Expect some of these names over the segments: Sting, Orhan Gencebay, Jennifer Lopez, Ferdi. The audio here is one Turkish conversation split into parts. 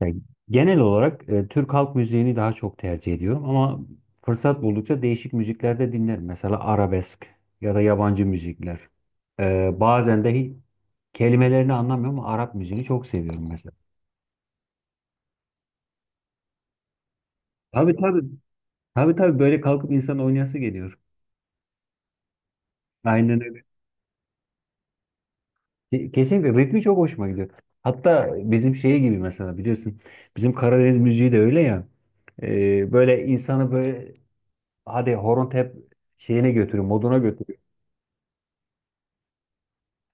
Yani genel olarak Türk halk müziğini daha çok tercih ediyorum ama fırsat buldukça değişik müzikler de dinlerim. Mesela arabesk ya da yabancı müzikler. Bazen de kelimelerini anlamıyorum ama Arap müziğini çok seviyorum mesela. Tabii, tabii. Tabii, tabii, böyle kalkıp insan oynayası geliyor. Aynen öyle. Kesinlikle ritmi çok hoşuma gidiyor. Hatta bizim şey gibi, mesela biliyorsun, bizim Karadeniz müziği de öyle ya. Böyle insanı böyle hadi horon tep şeyine götürüyor, moduna götürüyor.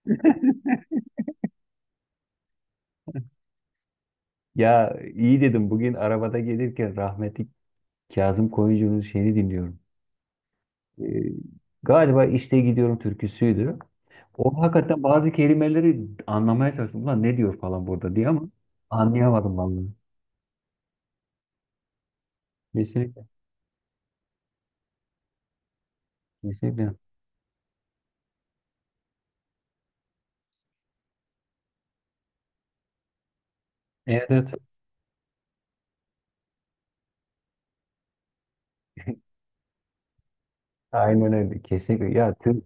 Ya iyi dedim, bugün arabada gelirken rahmetli Kazım Koyuncu'nun şeyini dinliyorum. Ee, Galiba işte Gidiyorum türküsüydü. O hakikaten bazı kelimeleri anlamaya çalıştım. Ulan ne diyor falan burada diye ama anlayamadım vallahi. Kesinlikle. Kesinlikle. Evet, evet. Aynen öyle. Kesinlikle. Ya tüm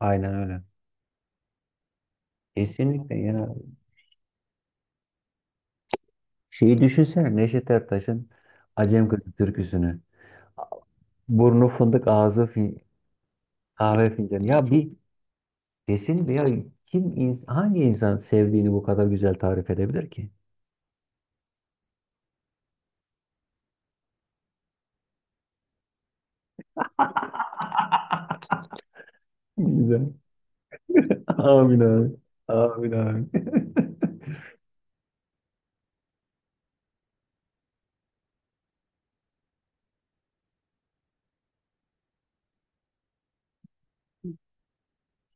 aynen öyle. Kesinlikle ya. Şeyi düşünsene, Neşet Ertaş'ın Acem Kızı türküsünü. Burnu fındık, ağzı kahve fincanı. Ya bir kesin, veya kim, hangi insan sevdiğini bu kadar güzel tarif edebilir ki? Güzel. Amin abi. Amin abi.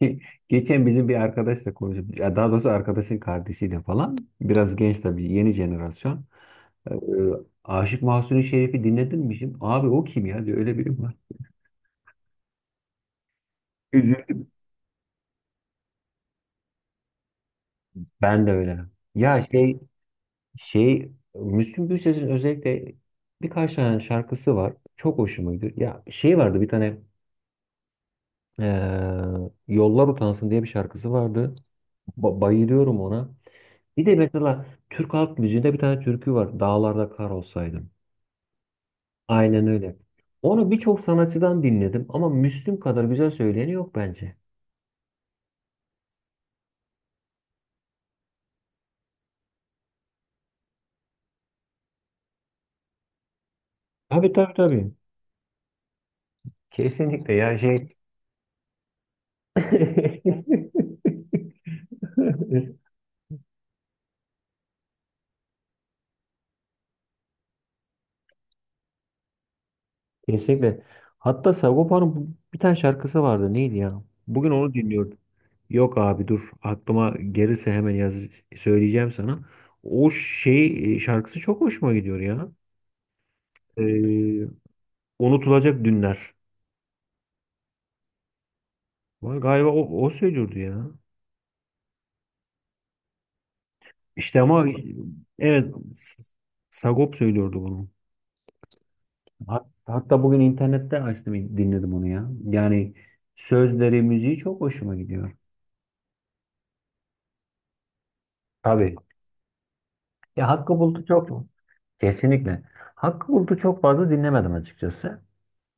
Ge- Geçen bizim bir arkadaşla konuşup, ya daha doğrusu arkadaşın kardeşiyle falan, biraz genç tabii, yeni jenerasyon. Ee, Aşık Mahzuni Şerif'i dinledin mi şimdi? Abi o kim ya diyor, öyle biri mi var? Üzüldüm. Ben de öyle. Ya şey, şey Müslüm Gürses'in özellikle birkaç tane şarkısı var. Çok hoşuma gidiyor. Ya şey vardı bir tane, Yollar Utansın diye bir şarkısı vardı. Bayılıyorum ona. Bir de mesela Türk halk müziğinde bir tane türkü var. Dağlarda Kar Olsaydım. Aynen öyle. Onu birçok sanatçıdan dinledim ama Müslüm kadar güzel söyleyeni yok bence. Tabii, tabii, tabii. Kesinlikle ya, şey. Kesinlikle. Hatta Sagopa'nın bir tane şarkısı vardı. Neydi ya? Bugün onu dinliyordum. Yok abi, dur. Aklıma gelirse hemen yaz, söyleyeceğim sana. O şey, şarkısı çok hoşuma gidiyor ya. Ee, Unutulacak Dünler. Vay, galiba o, o söylüyordu ya. İşte ama evet, Sagop söylüyordu bunu. Hatta bugün internette açtım, dinledim onu ya. Yani sözleri, müziği çok hoşuma gidiyor. Tabii. Ya Hakkı Bulut'u çok kesinlikle. Hakkı Bulut'u çok fazla dinlemedim açıkçası.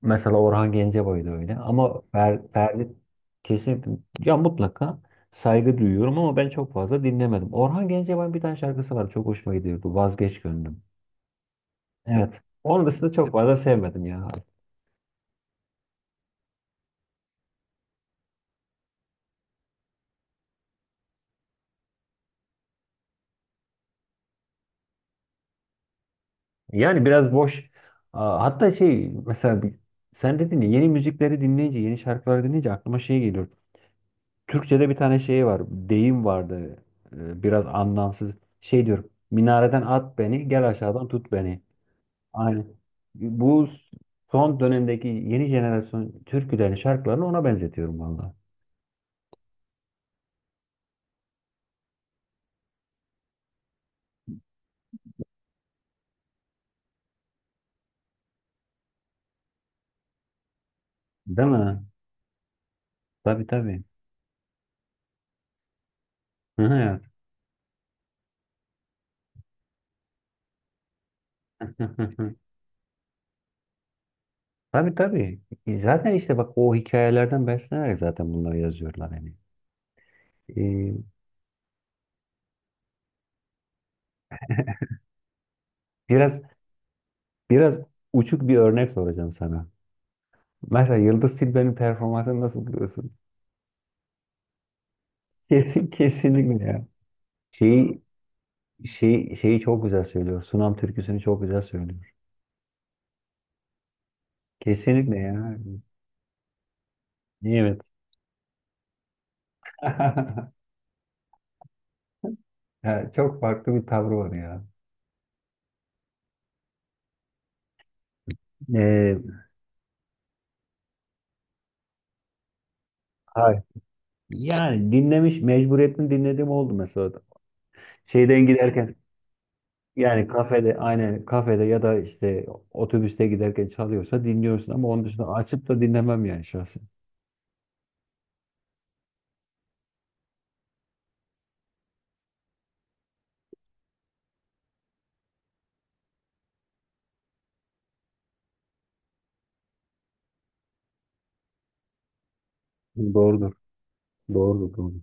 Mesela Orhan Gencebay da öyle. Ama Ferdi kesinlikle, ya mutlaka saygı duyuyorum ama ben çok fazla dinlemedim. Orhan Gencebay'ın bir tane şarkısı var. Çok hoşuma gidiyordu. Vazgeç Gönlüm. Evet. Onun dışında çok fazla sevmedim ya. Yani biraz boş. Aa, hatta şey mesela sen dedin ya, yeni müzikleri dinleyince, yeni şarkıları dinleyince aklıma şey geliyor. Türkçe'de bir tane şey var. Deyim vardı. Biraz anlamsız. Şey diyorum. Minareden at beni, gel aşağıdan tut beni. Aynen. Bu son dönemdeki yeni jenerasyon türkülerin şarkılarını ona benzetiyorum valla. Değil mi? Tabii, tabii. Hı hı ya. Tabii, tabii. Zaten işte bak, o hikayelerden beslenerek zaten bunları yazıyorlar yani. Ee, biraz biraz uçuk bir örnek soracağım sana. Mesela Yıldız Tilbe'nin performansını nasıl buluyorsun? Kesin, kesinlikle ya. Şeyi, şeyi çok güzel söylüyor. Sunam türküsünü çok güzel söylüyor. Kesinlikle ya. Evet. Ya çok farklı bir tavrı var ya. Ee, hayır. Yani dinlemiş, mecburiyetten dinlediğim oldu mesela. Şeyden giderken yani kafede, aynen kafede ya da işte otobüste giderken çalıyorsa dinliyorsun ama onun dışında açıp da dinlemem yani şahsen. Doğrudur. Doğrudur. Doğrudur.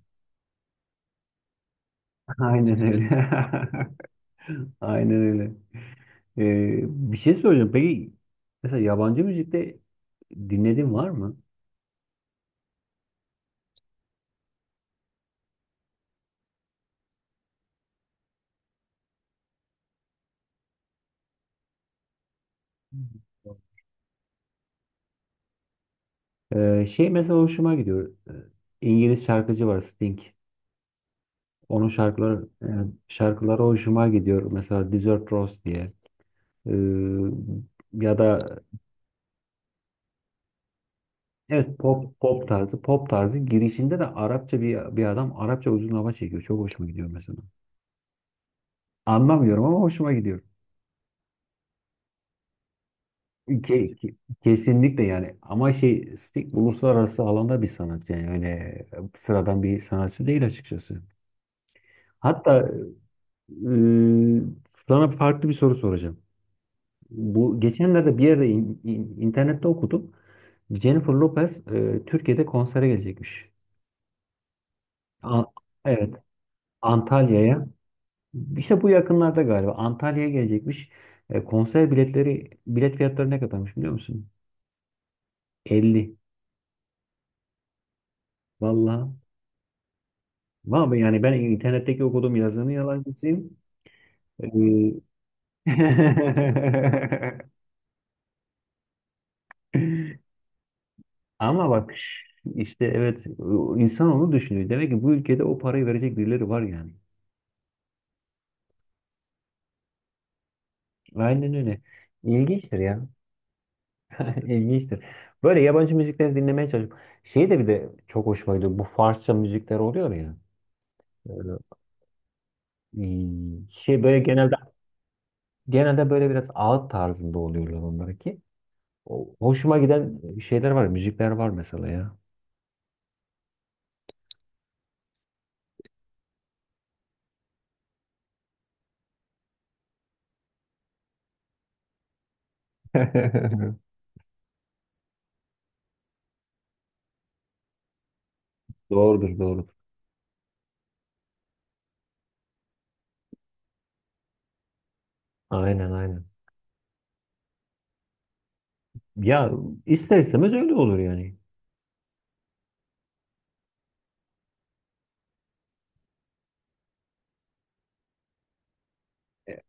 Aynen öyle. Aynen öyle. Ee, Bir şey söyleyeceğim. Peki mesela yabancı müzikte dinlediğin var mı? Şey mesela hoşuma gidiyor. İngiliz şarkıcı var, Sting. Onun şarkıları, yani şarkıları hoşuma gidiyor. Mesela Desert Rose diye. Ee, Ya da evet, pop, pop tarzı girişinde de Arapça bir adam Arapça uzun hava çekiyor. Çok hoşuma gidiyor mesela. Anlamıyorum ama hoşuma gidiyor. Ke- ke- Kesinlikle yani, ama şey, Sting uluslararası alanda bir sanatçı, yani öyle sıradan bir sanatçı değil açıkçası. Hatta e, sana farklı bir soru soracağım. Bu geçenlerde bir yerde, internette okudum. Jennifer Lopez Türkiye'de konsere gelecekmiş. A- evet, Antalya'ya. İşte bu yakınlarda galiba Antalya'ya gelecekmiş. Konser biletleri, bilet fiyatları ne kadarmış biliyor musun? 50. Vallahi ama abi, yani ben internetteki okuduğum yazının yalancısıyım. Ee, Ama bak işte, evet, insan onu düşünüyor. Demek ki bu ülkede o parayı verecek birileri var yani. Aynen öyle. İlginçtir ya. İlginçtir. Böyle yabancı müzikleri dinlemeye çalışıyorum. Şey de bir de çok hoşuma gidiyor. Bu Farsça müzikler oluyor ya. Böyle, şey böyle, genelde böyle biraz ağıt tarzında oluyorlar onlar ki. Hoşuma giden şeyler var, müzikler var mesela ya. Doğrudur, doğrudur. Aynen, aynen. Ya ister istemez öyle olur yani.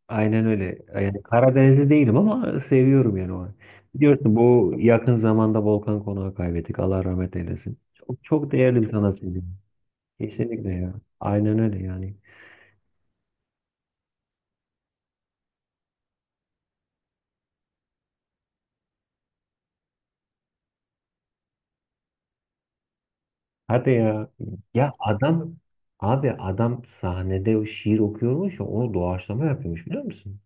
Aynen öyle. Yani Karadenizli değilim ama seviyorum yani o. Biliyorsun, bu yakın zamanda Volkan Konak'ı kaybettik. Allah rahmet eylesin. Çok, çok değerli bir sanatçıydı. Kesinlikle ya. Aynen öyle yani. Hadi ya. Ya adam, abi adam sahnede o şiir okuyormuş ya, onu doğaçlama yapıyormuş biliyor musun?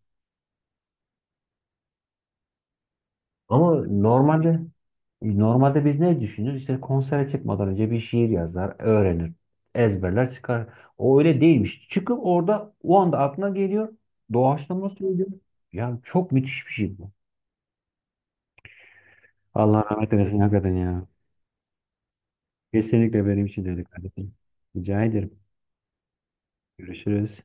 Ama normalde, normalde biz ne düşünürüz? İşte konsere çıkmadan önce bir şiir yazar, öğrenir, ezberler, çıkar. O öyle değilmiş. Çıkıp orada o anda aklına geliyor. Doğaçlama söylüyor. Ya çok müthiş bir şey bu. Allah rahmet eylesin hakikaten ya. Kesinlikle benim için de öyle kardeşim. Rica ederim. Görüşürüz.